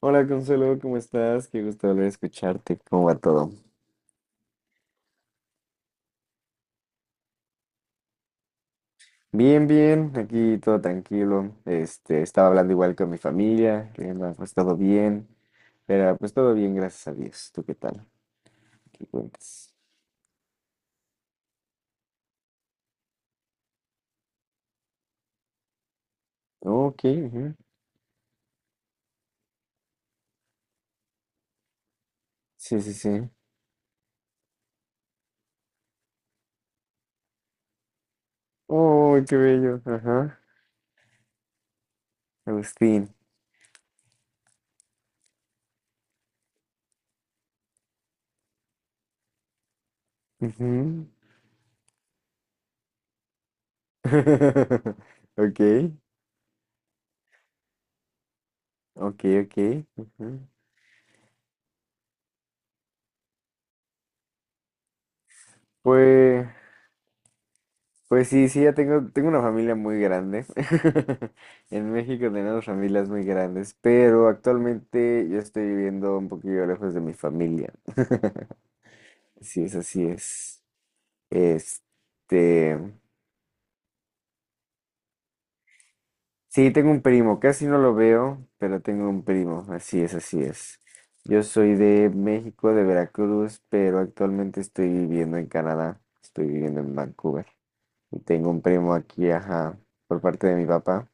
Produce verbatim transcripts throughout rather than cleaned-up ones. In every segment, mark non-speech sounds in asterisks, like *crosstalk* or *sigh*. Hola Consuelo, ¿cómo estás? Qué gusto volver a escucharte. ¿Cómo va todo? Bien, bien, aquí todo tranquilo. Este, estaba hablando igual con mi familia, que me ha pues todo bien, pero pues todo bien, gracias a Dios. ¿Tú qué tal? ¿Qué cuentas? Ok, ujú. Sí, sí, sí. Oh, qué bello. Ajá. Agustín. Ujú. *laughs* Ok, ok, ok. Ujú. Pues, Pues sí, sí, ya tengo, tengo una familia muy grande. *laughs* En México tenemos familias muy grandes, pero actualmente yo estoy viviendo un poquillo lejos de mi familia. *laughs* Sí es, así es. Este, sí, tengo un primo, casi no lo veo, pero tengo un primo, así es, así es. Yo soy de México, de Veracruz, pero actualmente estoy viviendo en Canadá, estoy viviendo en Vancouver. Y tengo un primo aquí, ajá, por parte de mi papá.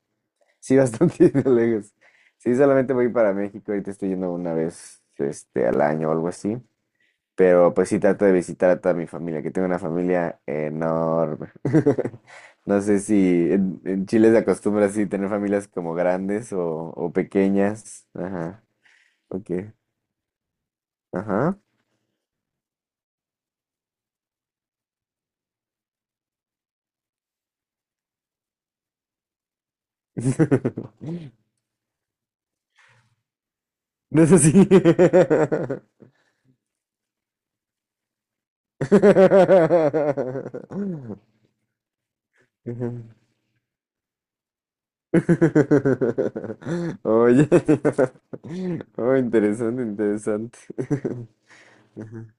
Sí, bastante *laughs* lejos. Sí, solamente voy para México, ahorita estoy yendo una vez este, al año o algo así. Pero pues sí trato de visitar a toda mi familia, que tengo una familia enorme. *laughs* No sé si en, en Chile se acostumbra así tener familias como grandes o, o pequeñas. Ajá, ok. Ajá. *laughs* No es así. *laughs* Ajá. *laughs* Oye, *laughs* oh, interesante, interesante. *laughs* Ajá.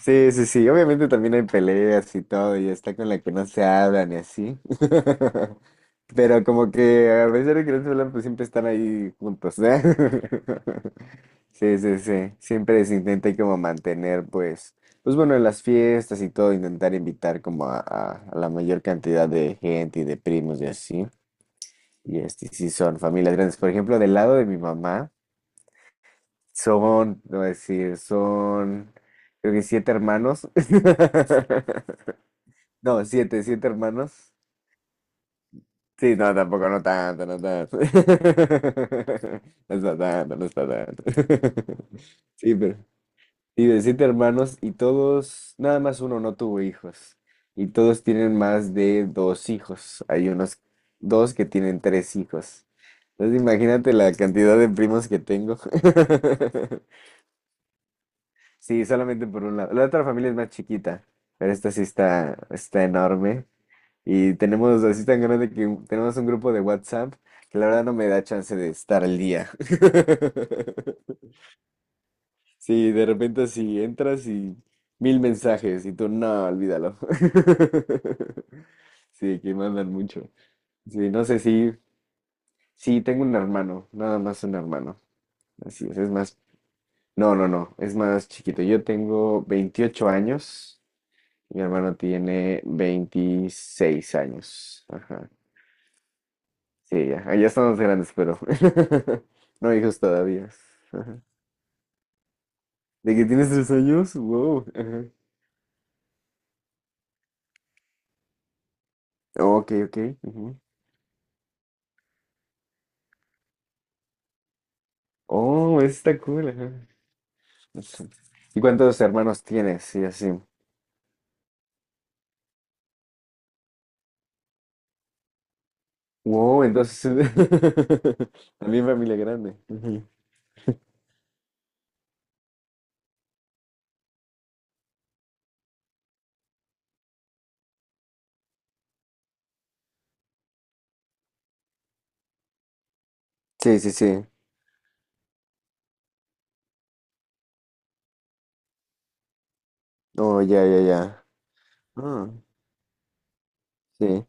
Sí, sí, sí, obviamente también hay peleas y todo, y está con la que no se hablan y así. *laughs* Pero como que a pesar de que no se hablan, pues siempre están ahí juntos, ¿eh? *laughs* Sí, sí, sí, siempre se intenta ahí como mantener, pues, pues bueno, en las fiestas y todo, intentar invitar como a, a a la mayor cantidad de gente y de primos y así. Y este, sí, son familias grandes. Por ejemplo, del lado de mi mamá, son, no voy a decir, son, creo que siete hermanos. *laughs* No, siete, siete hermanos. Sí, no, tampoco, no tanto, no tanto. *laughs* No está tanto, no está tanto. *laughs* Sí, pero. Y de siete hermanos y todos, nada más uno no tuvo hijos. Y todos tienen más de dos hijos. Hay unos dos que tienen tres hijos. Entonces imagínate la cantidad de primos que tengo. *laughs* Sí, solamente por un lado. La otra familia es más chiquita, pero esta sí está, está enorme. Y tenemos así tan grande que un- tenemos un grupo de WhatsApp que la verdad no me da chance de estar al día. *laughs* Sí, de repente así entras y mil mensajes y tú, no, olvídalo. *laughs* Sí, que mandan mucho. Sí, no sé si, sí, tengo un hermano, nada más un hermano. Así es, es más, no, no, no, es más chiquito. Yo tengo veintiocho años y mi hermano tiene veintiséis años. Ajá. Sí, ya, ah, ya estamos grandes, pero *laughs* no hijos todavía. Ajá. ¿De que tienes tres años? Wow. Ajá. Oh, ok, ok. Oh, eso está cool. Ajá. Eso. ¿Y cuántos hermanos tienes? Y así. Wow, entonces *laughs* también familia grande. Ujú. Sí, sí, sí. Oh, ya, ya, ya. Ah, sí.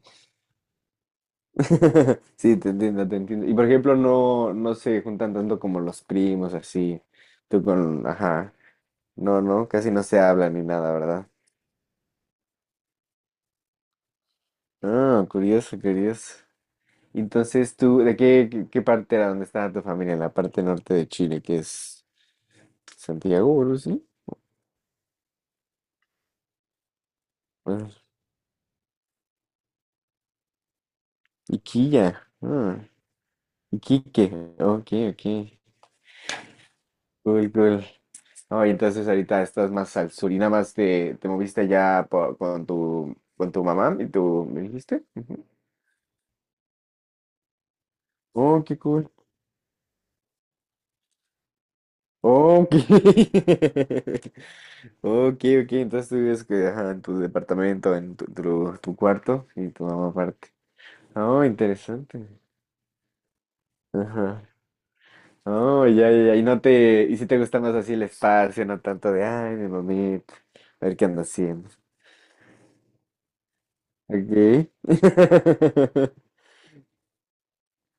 *laughs* Sí, te entiendo, te entiendo. Y por ejemplo, no, no se juntan tanto como los primos, así. Tú con, ajá. No, no, casi no se hablan ni nada, ¿verdad? Ah, curioso, curioso. Entonces, ¿tú de qué, qué, qué parte era donde estaba tu familia? En la parte norte de Chile, que es Santiago, o algo así. Ah, Iquilla. Ah, Iquique. Ok, ok. Cool, cool. Oh, y entonces ahorita estás más al sur y nada más te, te moviste allá po- con tu, con tu mamá y tú, ¿me dijiste? Ujú. Oh, qué cool. Oh, ok. *laughs* Ok, ok. Entonces tú vives que, ajá, en tu departamento, en tu, tu, tu cuarto y tu mamá aparte. Oh, interesante. Ajá. Oh, ya, ya, ya. Y no te, y si te gusta más así el espacio, no tanto de, ay, mi mamita, a ver qué anda haciendo. Ok. *laughs*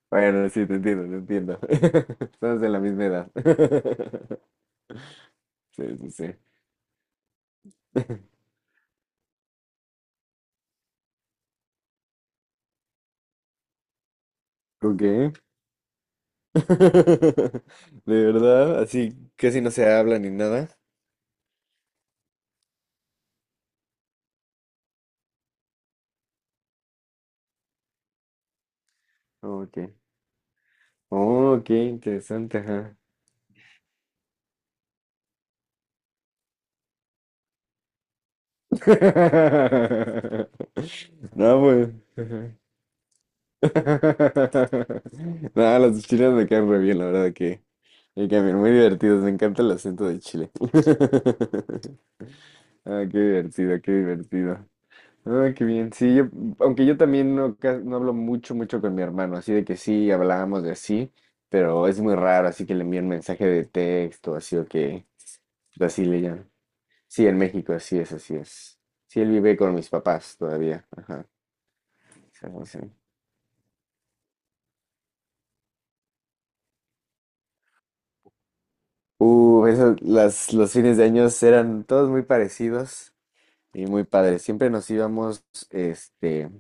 Bueno, sí, te entiendo, te entiendo. *laughs* Estamos de la misma edad. *laughs* Sí, sí, sí. *laughs* ¿Con qué? *laughs* ¿De verdad? Así casi no se habla ni nada. Ok. Oh, qué interesante, ajá. *laughs* No, pues. *laughs* *laughs* Nada, las de Chile me quedan re bien, la verdad que me quedan bien, muy divertidos, me encanta el acento de Chile. *laughs* Ah, qué divertido, qué divertido. Ah, qué bien, sí, yo- aunque yo también no, ca- no hablo mucho, mucho con mi hermano, así de que sí, hablábamos de así, pero es muy raro, así que le envío un mensaje de texto, así o que así le llaman. Sí, en México, así es, así es. Sí, él vive con mis papás todavía, ajá. Sí, sí. Uh, eso, las, los fines de año eran todos muy parecidos y muy padres. Siempre nos íbamos este,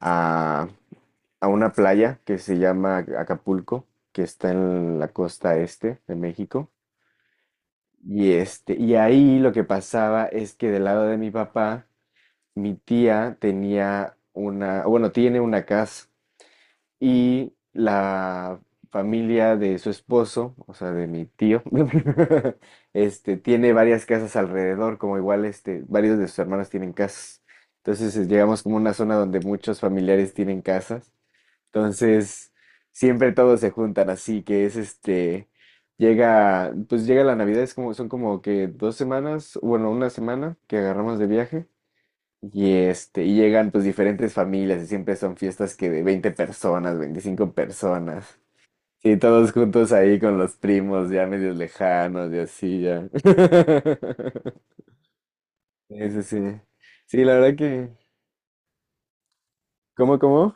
a, a una playa que se llama Acapulco, que está en la costa este de México. Y, este, y ahí lo que pasaba es que del lado de mi papá, mi tía tenía una, bueno, tiene una casa y la familia de su esposo, o sea, de mi tío, *laughs* este, tiene varias casas alrededor, como igual este, varios de sus hermanos tienen casas. Entonces eh, llegamos como a una zona donde muchos familiares tienen casas. Entonces, siempre todos se juntan, así que es este, llega, pues llega la Navidad, es como, son como que dos semanas, bueno, una semana que agarramos de viaje. Y este, y llegan pues diferentes familias y siempre son fiestas que de veinte personas, veinticinco personas. Sí, todos juntos ahí con los primos ya medios lejanos y así ya. *laughs* Sí, sí, sí. Sí, la verdad que... ¿Cómo, cómo?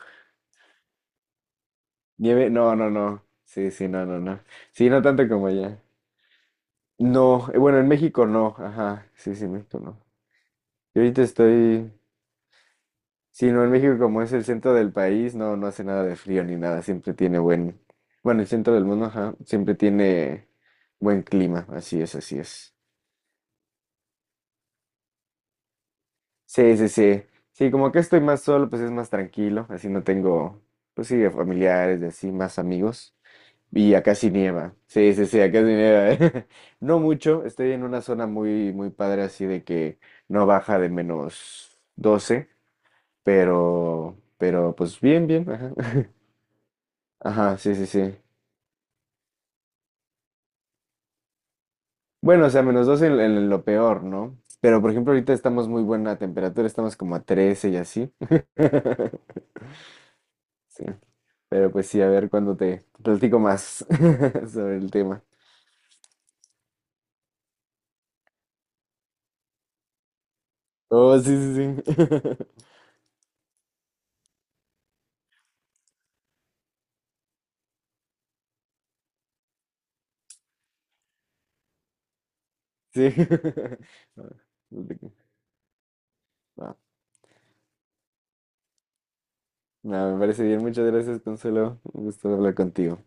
Nieve, no, no, no. Sí, sí, no, no, no. Sí, no tanto como allá. No, eh, bueno, en México no. Ajá, sí, sí, en México no. Yo ahorita estoy... Sí, no, en México como es el centro del país, no, no hace nada de frío ni nada, siempre tiene buen, bueno, el centro del mundo, ajá, siempre tiene buen clima, así es, así es. Sí, sí, sí. Sí, como que estoy más solo, pues es más tranquilo, así no tengo, pues sí, familiares y así, más amigos. Y acá sí nieva, sí, sí, sí, acá sí nieva. *laughs* No mucho, estoy en una zona muy, muy padre, así de que no baja de menos doce, pero, pero pues bien, bien, ajá. *laughs* Ajá, sí, sí, sí. Bueno, o sea, menos dos en, en lo peor, ¿no? Pero por ejemplo, ahorita estamos muy buena temperatura, estamos como a trece y así. *laughs* Sí. Pero pues sí, a ver cuándo te platico más *laughs* sobre el tema. Oh, sí, sí, sí. *laughs* Sí. *laughs* Va, no, me parece bien. Muchas gracias, Consuelo. Un gusto hablar contigo.